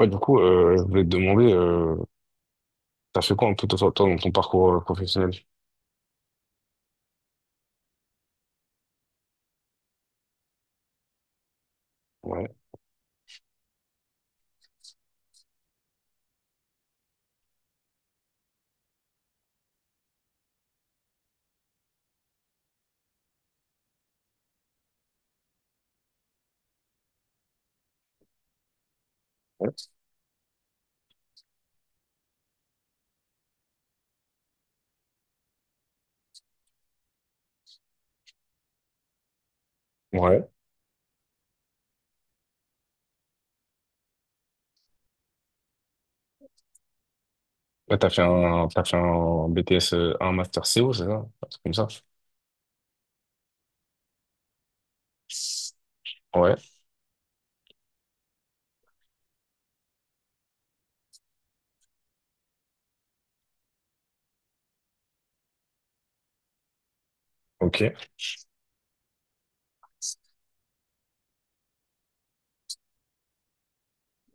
Ouais, du coup, je voulais te demander, t'as fait quoi un peu toi, dans ton parcours professionnel? Ouais. Ouais. Ouais. Ouais, t'as fait un BTS, un master CO, c'est ça? Un truc comme ça? Ouais. Ok.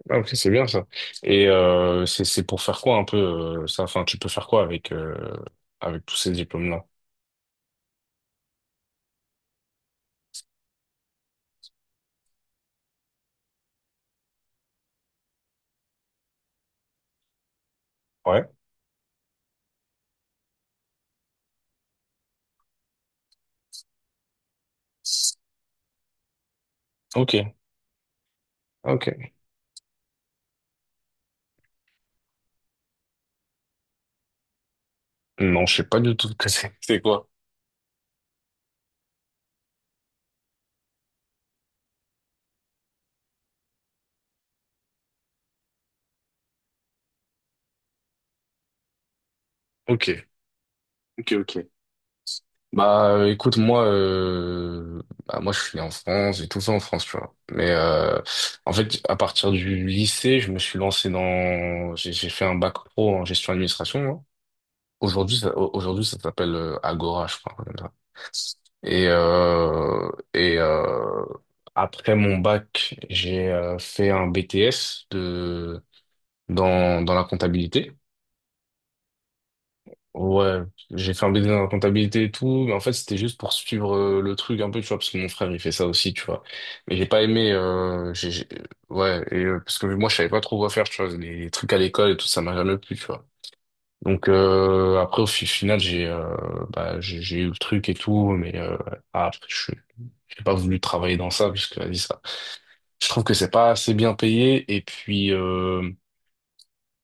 Ah, ok, c'est bien ça. Et c'est pour faire quoi un peu ça? Enfin, tu peux faire quoi avec avec tous ces diplômes-là? Ouais. Ok. Ok. Non, je sais pas du tout ce que c'est. C'est quoi? Ok. Ok, ok. Bah écoute moi, bah, moi je suis né en France, j'ai tout fait en France, tu vois, mais en fait, à partir du lycée, je me suis lancé dans j'ai fait un bac pro en gestion administration, moi. Aujourd'hui ça s'appelle Agora, je crois, comme ça. et euh, et euh, Après mon bac, j'ai fait un BTS de dans dans la comptabilité. Ouais, j'ai fait un BD dans la comptabilité et tout, mais en fait c'était juste pour suivre le truc un peu, tu vois, parce que mon frère il fait ça aussi, tu vois. Mais j'ai pas aimé, ouais, et, parce que moi je savais pas trop quoi faire, tu vois, les, trucs à l'école et tout, ça m'a jamais plu, tu vois. Donc après au final, bah j'ai eu le truc et tout, mais ah, après je j'ai pas voulu travailler dans ça puisque vas-y ça. Je trouve que c'est pas assez bien payé, et puis euh,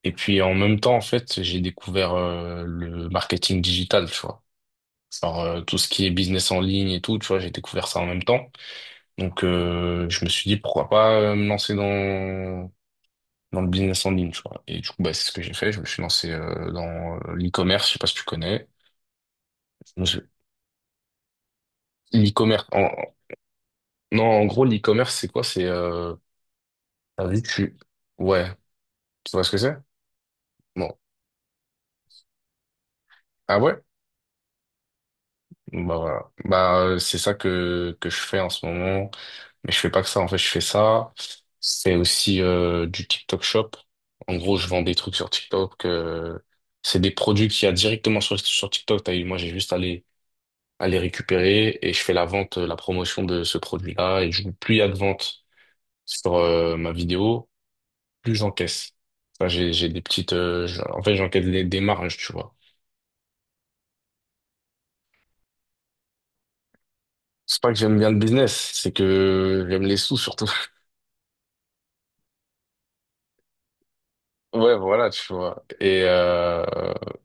et puis en même temps, en fait, j'ai découvert le marketing digital, tu vois. Genre, tout ce qui est business en ligne et tout, tu vois, j'ai découvert ça en même temps. Donc, je me suis dit, pourquoi pas me lancer dans le business en ligne, tu vois. Et du coup, bah, c'est ce que j'ai fait. Je me suis lancé dans l'e-commerce, je sais pas si tu connais. Je- L'e-commerce, non, en gros, l'e-commerce, c'est quoi? T'as vu, ouais, tu vois ce que c'est? Bon. Ah ouais? Bah, voilà. Bah, c'est ça que je fais en ce moment. Mais je fais pas que ça, en fait, je fais ça. C'est aussi du TikTok Shop. En gros, je vends des trucs sur TikTok. C'est des produits qu'il y a directement sur TikTok. T'as eu, moi, j'ai juste à les récupérer, et je fais la vente, la promotion de ce produit-là. Et du coup, plus il y a de ventes sur ma vidéo, plus j'encaisse. Enfin, j'ai des petites, en fait, j'encaisse des marges, tu vois. C'est pas que j'aime bien le business, c'est que j'aime les sous surtout. Ouais, voilà, tu vois. Et, euh,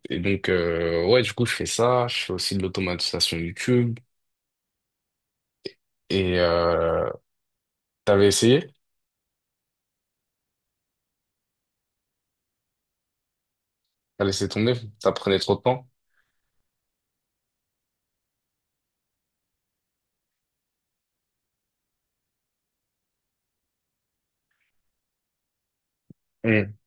et donc, ouais, du coup, je fais ça. Je fais aussi de l'automatisation YouTube. Et euh, T'avais essayé? T'as laissé tomber? Ça prenait trop de temps? Mm.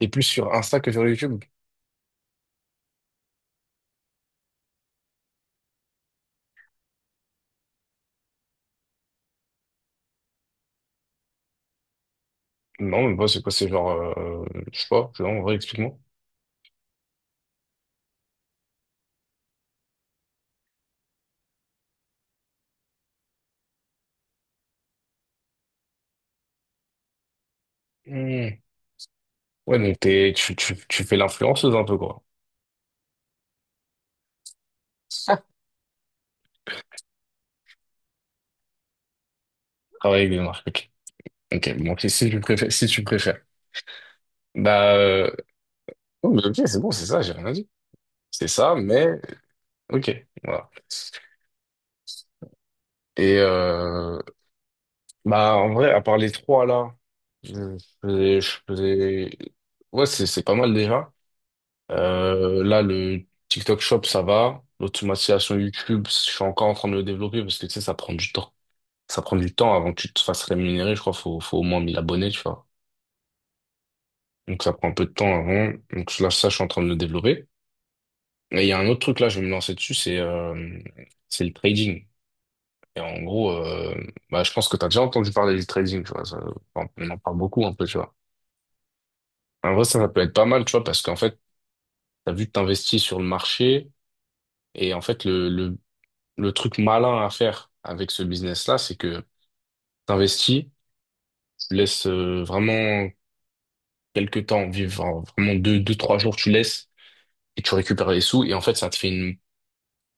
Et plus sur Insta que sur YouTube? Non, mais moi, c'est quoi? C'est genre, je sais pas, genre, en vrai, explique-moi. Mm. Ouais, donc tu fais l'influenceuse un peu, quoi. Travailler avec des marques, ok. Ok, bon, ok, si tu préfères, si tu préfères. Bah, oh, mais ok, c'est bon, c'est ça, j'ai rien dit. C'est ça, mais ok, voilà. Et bah, en vrai, à part les trois là, je faisais. Ouais, c'est pas mal déjà. Là le TikTok Shop ça va, l'automatisation YouTube, je suis encore en train de le développer parce que tu sais, ça prend du temps. Ça prend du temps avant que tu te fasses rémunérer, je crois, faut au moins 1000 abonnés, tu vois. Donc ça prend un peu de temps avant. Donc là, ça, je suis en train de le développer. Et il y a un autre truc là, je vais me lancer dessus, c'est c'est le trading. Et en gros, bah, je pense que tu as déjà entendu parler du trading, tu vois. Enfin, on en parle beaucoup un peu, tu vois. En vrai, ça peut être pas mal, tu vois, parce qu'en fait, tu as vu que t'investis sur le marché. Et en fait, le truc malin à faire avec ce business-là, c'est que t'investis, tu laisses vraiment quelques temps vivre, vraiment deux, trois jours, tu laisses, et tu récupères les sous. Et en fait,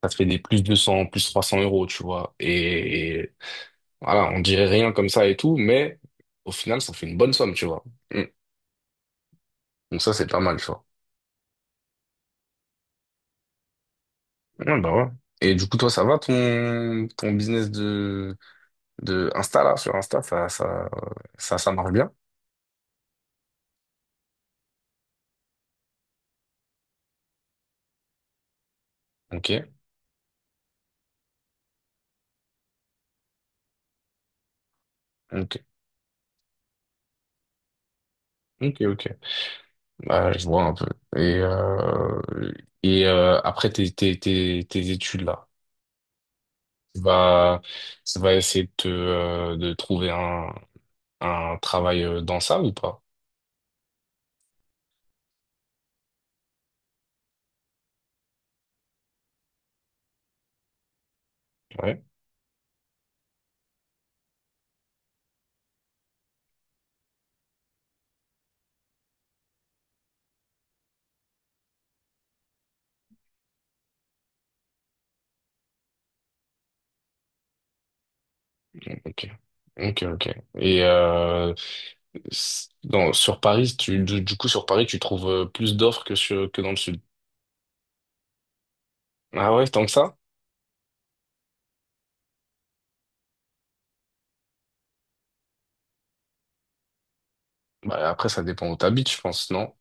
ça te fait des plus deux cents, plus 300 euros, tu vois. Et, voilà, on dirait rien comme ça et tout, mais au final, ça fait une bonne somme, tu vois. Donc ça, c'est pas mal, tu vois. Ouais, bah ouais. Et du coup, toi, ça va ton, business de, Insta, là, sur Insta, ça marche bien? Ok, ok, ok, ok. Bah, je vois un peu. Et, euh, et après tes études, là, tu vas, tu vas essayer de trouver un travail dans ça ou pas? Ok, ok, ok. Et sur Paris, du coup, sur Paris, tu trouves plus d'offres que dans le sud. Ah ouais, tant que ça? Bah, après, ça dépend où t'habites, je pense, non?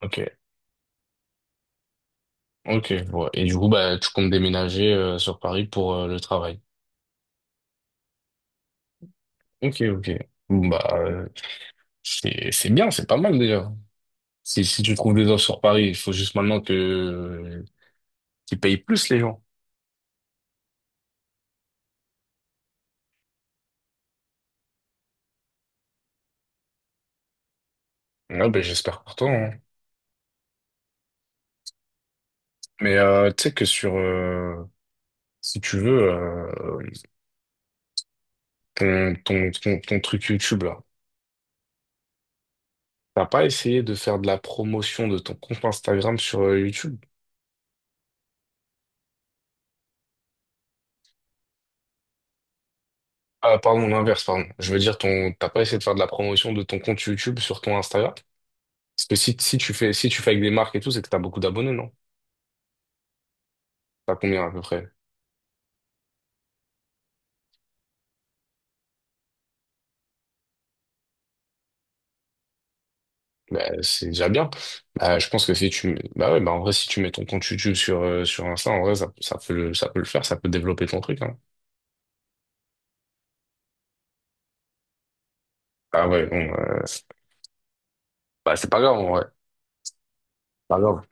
Ok, ok. Ouais. Et du coup, bah, tu comptes déménager sur Paris pour le travail. Ok, ok. Bah, c'est bien, c'est pas mal déjà. Si tu trouves des offres sur Paris, il faut juste maintenant que qu'ils payent plus les gens. Ouais, ben j'espère pour toi, hein. Mais tu sais que si tu veux, ton truc YouTube là. T'as pas essayé de faire de la promotion de ton compte Instagram sur YouTube? Ah, pardon, l'inverse, pardon. Je veux dire, t'as pas essayé de faire de la promotion de ton compte YouTube sur ton Instagram? Parce que si tu fais, avec des marques et tout, c'est que t'as beaucoup d'abonnés, non? T'as combien à peu près? Bah, c'est déjà bien. Bah, je pense que si tu, bah ouais, bah en vrai, si tu mets ton compte YouTube sur Insta, en vrai, ça peut le faire, ça peut développer ton truc, hein. Ah ouais, bon, bah, c'est pas grave, en vrai. Pas grave.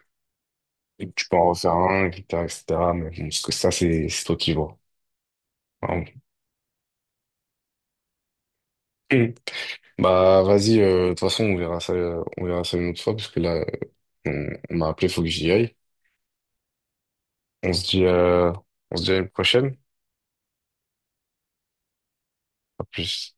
Et que tu peux en refaire un, etc., etc. Mais bon, parce que ça, c'est toi qui vois. Hein. Mm. Bah, vas-y, de toute façon, on verra ça, une autre fois, parce que là, on m'a appelé, faut que j'y aille. On se dit, euh, on se dit à une prochaine. À plus.